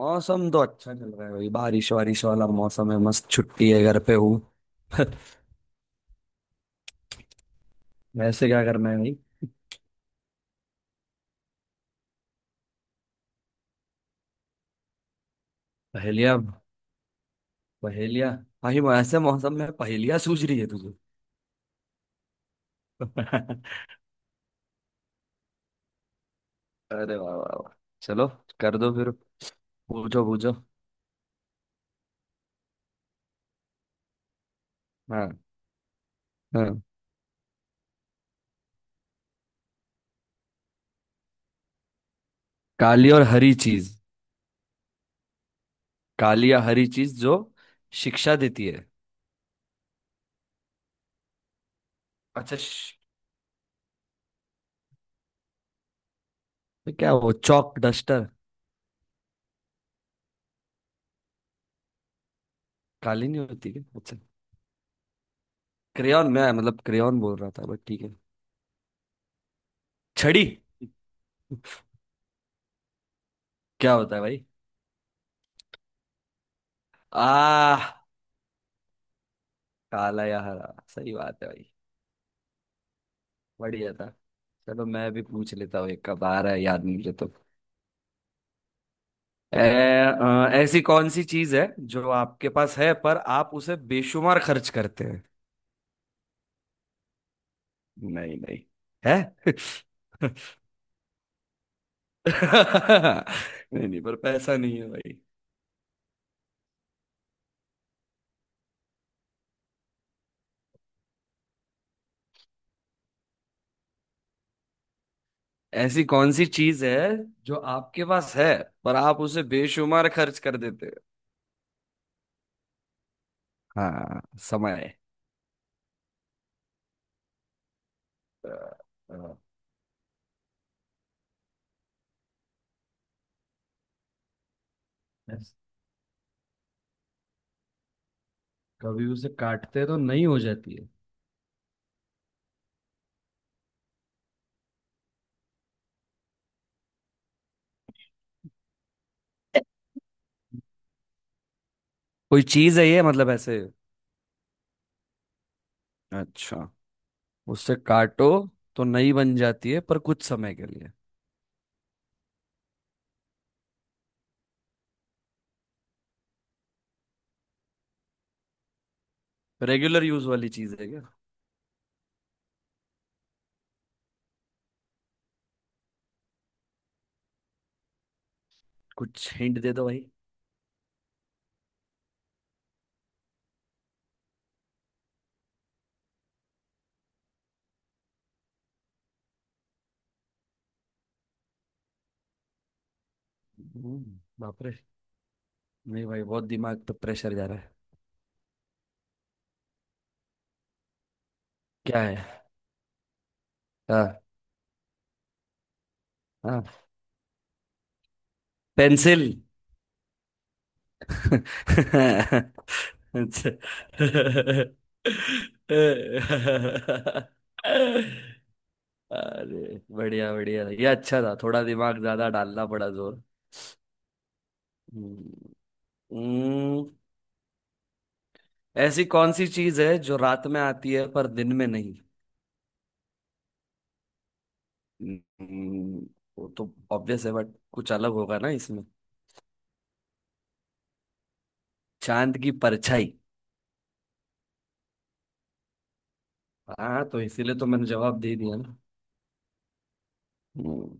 मौसम तो अच्छा चल रहा है भाई। बारिश वारिश वाला मौसम है। मस्त छुट्टी है, घर पे हूँ। वैसे क्या करना है भाई। पहेलियाँ? पहेलियाँ? भाई ऐसे मौसम में पहेलियाँ सूझ रही है तुझे? अरे वाह वाह वाह। चलो, कर दो फिर। पूछो पूछो। हाँ। हाँ। काली और हरी चीज। काली या हरी चीज जो शिक्षा देती है। अच्छा तो क्या वो चौक डस्टर। काली नहीं होती क्या? अच्छा। क्रेयॉन, मैं मतलब क्रेयॉन बोल रहा था बट ठीक है। छड़ी। क्या होता है भाई। आ। काला या हरा, सही बात है भाई। बढ़िया था। चलो मैं भी पूछ लेता हूँ, एक कब आ रहा है याद मुझे तो। ए, ऐसी कौन सी चीज है जो आपके पास है पर आप उसे बेशुमार खर्च करते हैं। नहीं नहीं, है। नहीं नहीं, पर पैसा नहीं है भाई। ऐसी कौन सी चीज है जो आपके पास है पर आप उसे बेशुमार खर्च कर देते हैं। हाँ, समय। अ, अ, कभी उसे काटते तो नहीं हो जाती है। कोई चीज है ये मतलब ऐसे। अच्छा। उससे काटो तो नई बन जाती है पर कुछ समय के लिए। रेगुलर यूज वाली चीज है क्या? कुछ हिंट दे दो भाई। बाप रे। नहीं भाई, बहुत दिमाग पे प्रेशर जा रहा है। क्या है? हाँ। हाँ। पेंसिल। अच्छा। अरे बढ़िया बढ़िया, ये अच्छा था, थोड़ा दिमाग ज्यादा डालना पड़ा जोर। हम्म। हम्म। ऐसी कौन सी चीज है जो रात में आती है पर दिन में नहीं। हम्म, वो तो ऑब्वियस है बट कुछ अलग होगा ना इसमें। चांद की परछाई। हाँ तो इसीलिए तो मैंने जवाब दे दिया ना। हम्म।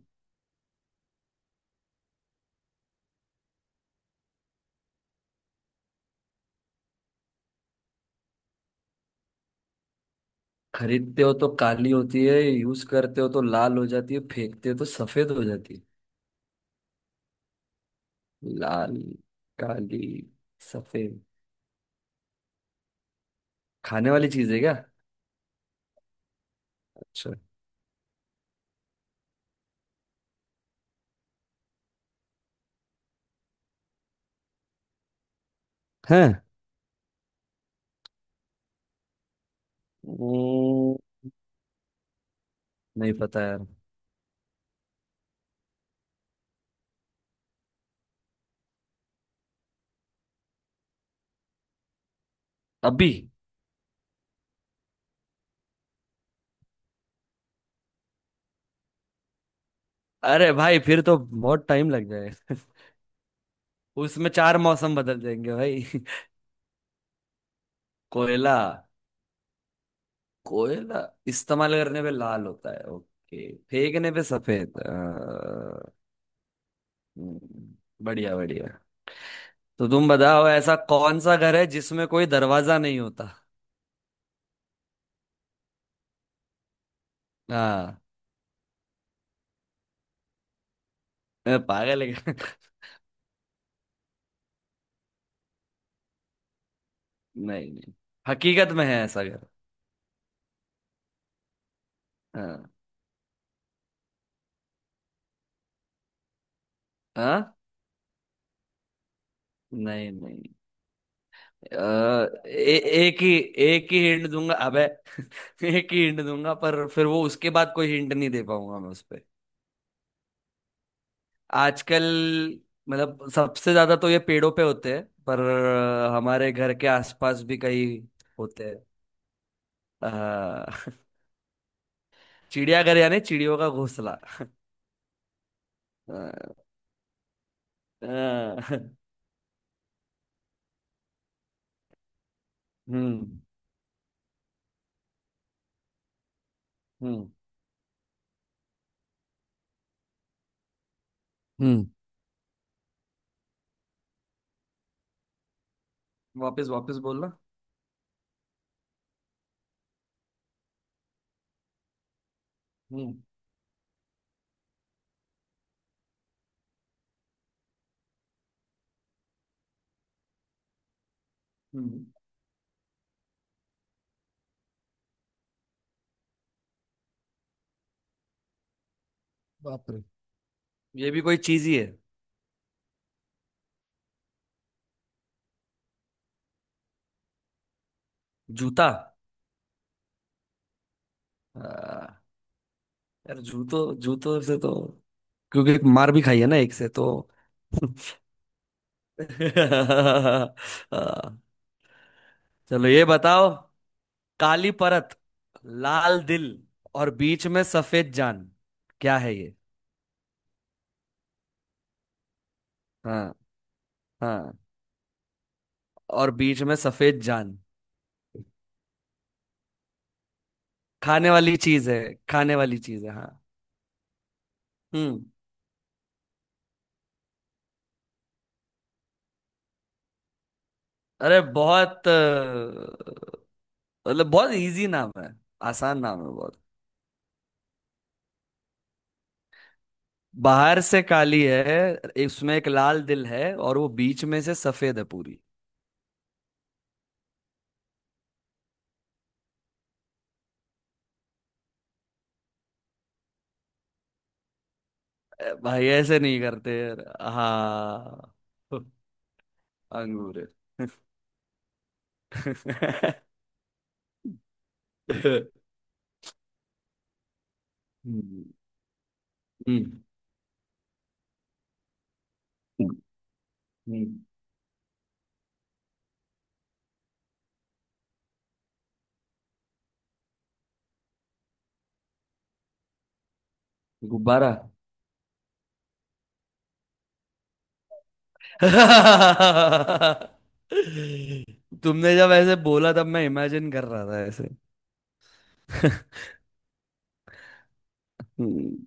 खरीदते हो तो काली होती है, यूज करते हो तो लाल हो जाती है, फेंकते हो तो सफेद हो जाती है। लाल। काली। सफेद। खाने वाली चीज है क्या? अच्छा। है। हम्म, नहीं पता यार। अभी? अरे भाई फिर तो बहुत टाइम लग जाएगा। उसमें चार मौसम बदल जाएंगे भाई। कोयला। कोयला इस्तेमाल करने पे लाल होता है, ओके, फेंकने पे सफेद। हम्म। बढ़िया बढ़िया। तो तुम बताओ, ऐसा कौन सा घर है जिसमें कोई दरवाजा नहीं होता। हाँ। पागल है क्या? नहीं नहीं, हकीकत में है ऐसा घर। हाँ। हाँ। नहीं नहीं। अ, ए, एक ही, एक ही हिंट दूंगा अबे। एक ही हिंट दूंगा पर फिर वो उसके बाद कोई हिंट नहीं दे पाऊंगा मैं उस पे। आजकल, मतलब सबसे ज्यादा तो ये पेड़ों पे होते हैं पर हमारे घर के आसपास भी कई होते हैं। अ, चिड़ियाघर यानी चिड़ियों का घोंसला। अ, अ, हम्म। हम्म। हम्म। वापस वापस बोलना। हम्म। हम्म। बाप रे, ये भी कोई चीज ही है। जूता। अ, यार, जूतों जूतों से तो, क्योंकि मार भी खाई है ना एक से तो। हाँ। चलो ये बताओ, काली परत, लाल दिल, और बीच में सफेद जान। क्या है ये? हाँ। हाँ। और बीच में सफेद जान। खाने वाली चीज है। खाने वाली चीज है हाँ। हम्म। अरे बहुत मतलब बहुत इजी नाम है, आसान नाम है बहुत। बाहर से काली है, इसमें एक लाल दिल है और वो बीच में से सफेद है पूरी। भाई ऐसे नहीं करते यार। हाँ, अंगूर। हम्म। हम्म। हम्म। गुब्बारा। तुमने जब ऐसे बोला तब मैं इमेजिन कर रहा था ऐसे। हम्म,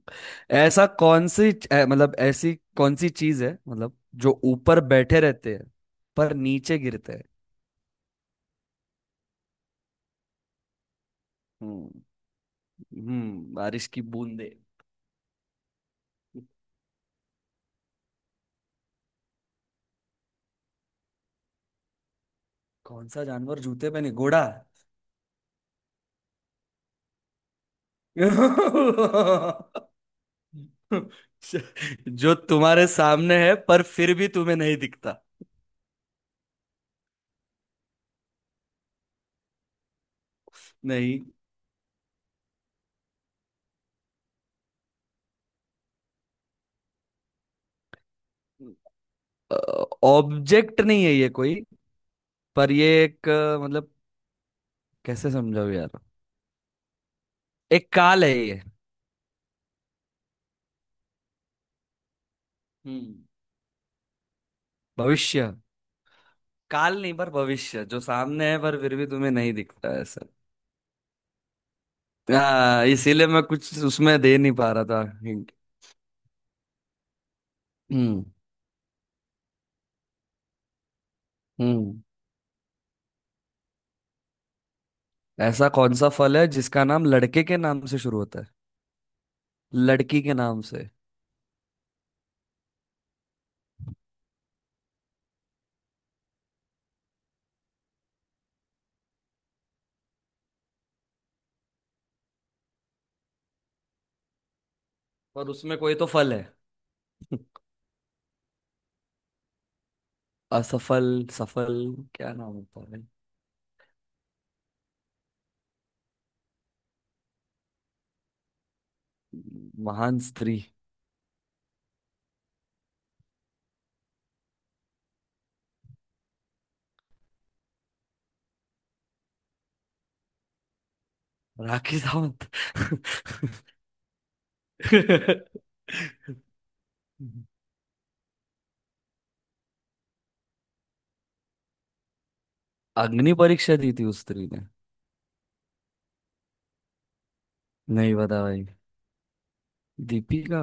ऐसा कौन सी मतलब ऐसी कौन सी चीज है मतलब, जो ऊपर बैठे रहते हैं पर नीचे गिरते हैं। हम्म। बारिश की बूंदे। कौन सा जानवर जूते पे, नहीं, घोड़ा। जो तुम्हारे सामने है पर फिर भी तुम्हें नहीं दिखता। नहीं। ऑब्जेक्ट नहीं है ये कोई, पर ये एक मतलब, कैसे समझाऊं यार, एक काल है ये। हम्म। भविष्य काल नहीं, पर भविष्य जो सामने है पर फिर भी तुम्हें नहीं दिखता ऐसा। हाँ इसीलिए मैं कुछ उसमें दे नहीं पा रहा था। हिंट। हम्म। हम्म। ऐसा कौन सा फल है जिसका नाम लड़के के नाम से शुरू होता है। लड़की के नाम से। पर उसमें कोई तो फल है। असफल, सफल, क्या नाम होता है भाई? महान स्त्री। राखी सावंत। अग्नि परीक्षा दी थी उस स्त्री ने? नहीं पता भाई। दीपिका।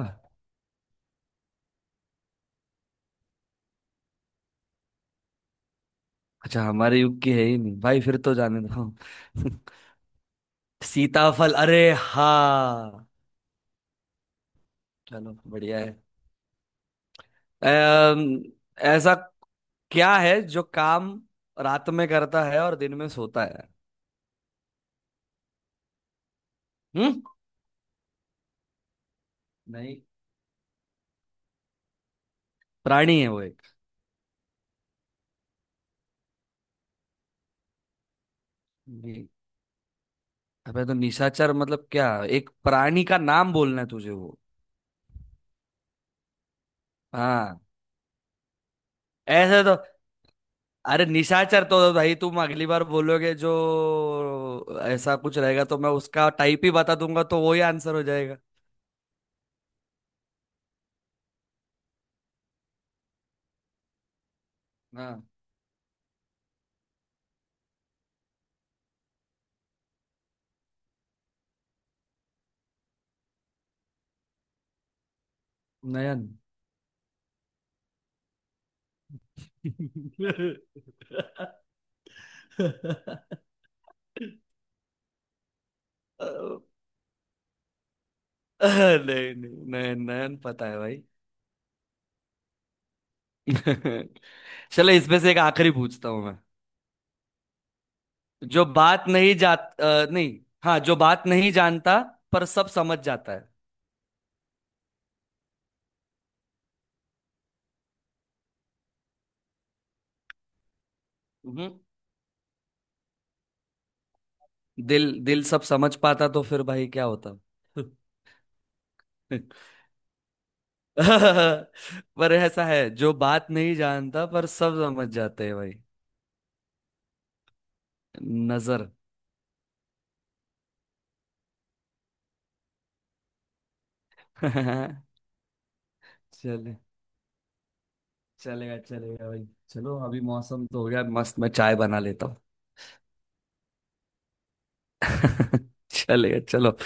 अच्छा हमारे युग की है ही नहीं भाई, फिर तो जाने दो। सीताफल, अरे हाँ। चलो बढ़िया है। अम, ऐसा क्या है जो काम रात में करता है और दिन में सोता है। हम्म। नहीं, प्राणी है वो। जी। अबे तो निशाचर मतलब क्या, एक प्राणी का नाम बोलना है तुझे वो। हाँ। ऐसे तो, अरे निशाचर तो भाई तुम अगली बार बोलोगे जो, ऐसा कुछ रहेगा तो मैं उसका टाइप ही बता दूंगा तो वही आंसर हो जाएगा। हाँ। नयन। नहीं नहीं, नयन, नयन पता है भाई। चलो इसमें से एक आखिरी पूछता हूँ। जो बात नहीं जात अ, नहीं। हाँ, जो बात नहीं जानता पर सब समझ जाता है। हम्म। दिल। दिल सब समझ पाता तो फिर भाई क्या होता। पर ऐसा है जो बात नहीं जानता पर सब समझ जाते हैं भाई। नजर। चले। चलेगा चलेगा भाई, चलो अभी मौसम तो हो गया मस्त, मैं चाय बना लेता हूँ। चलेगा, चलो।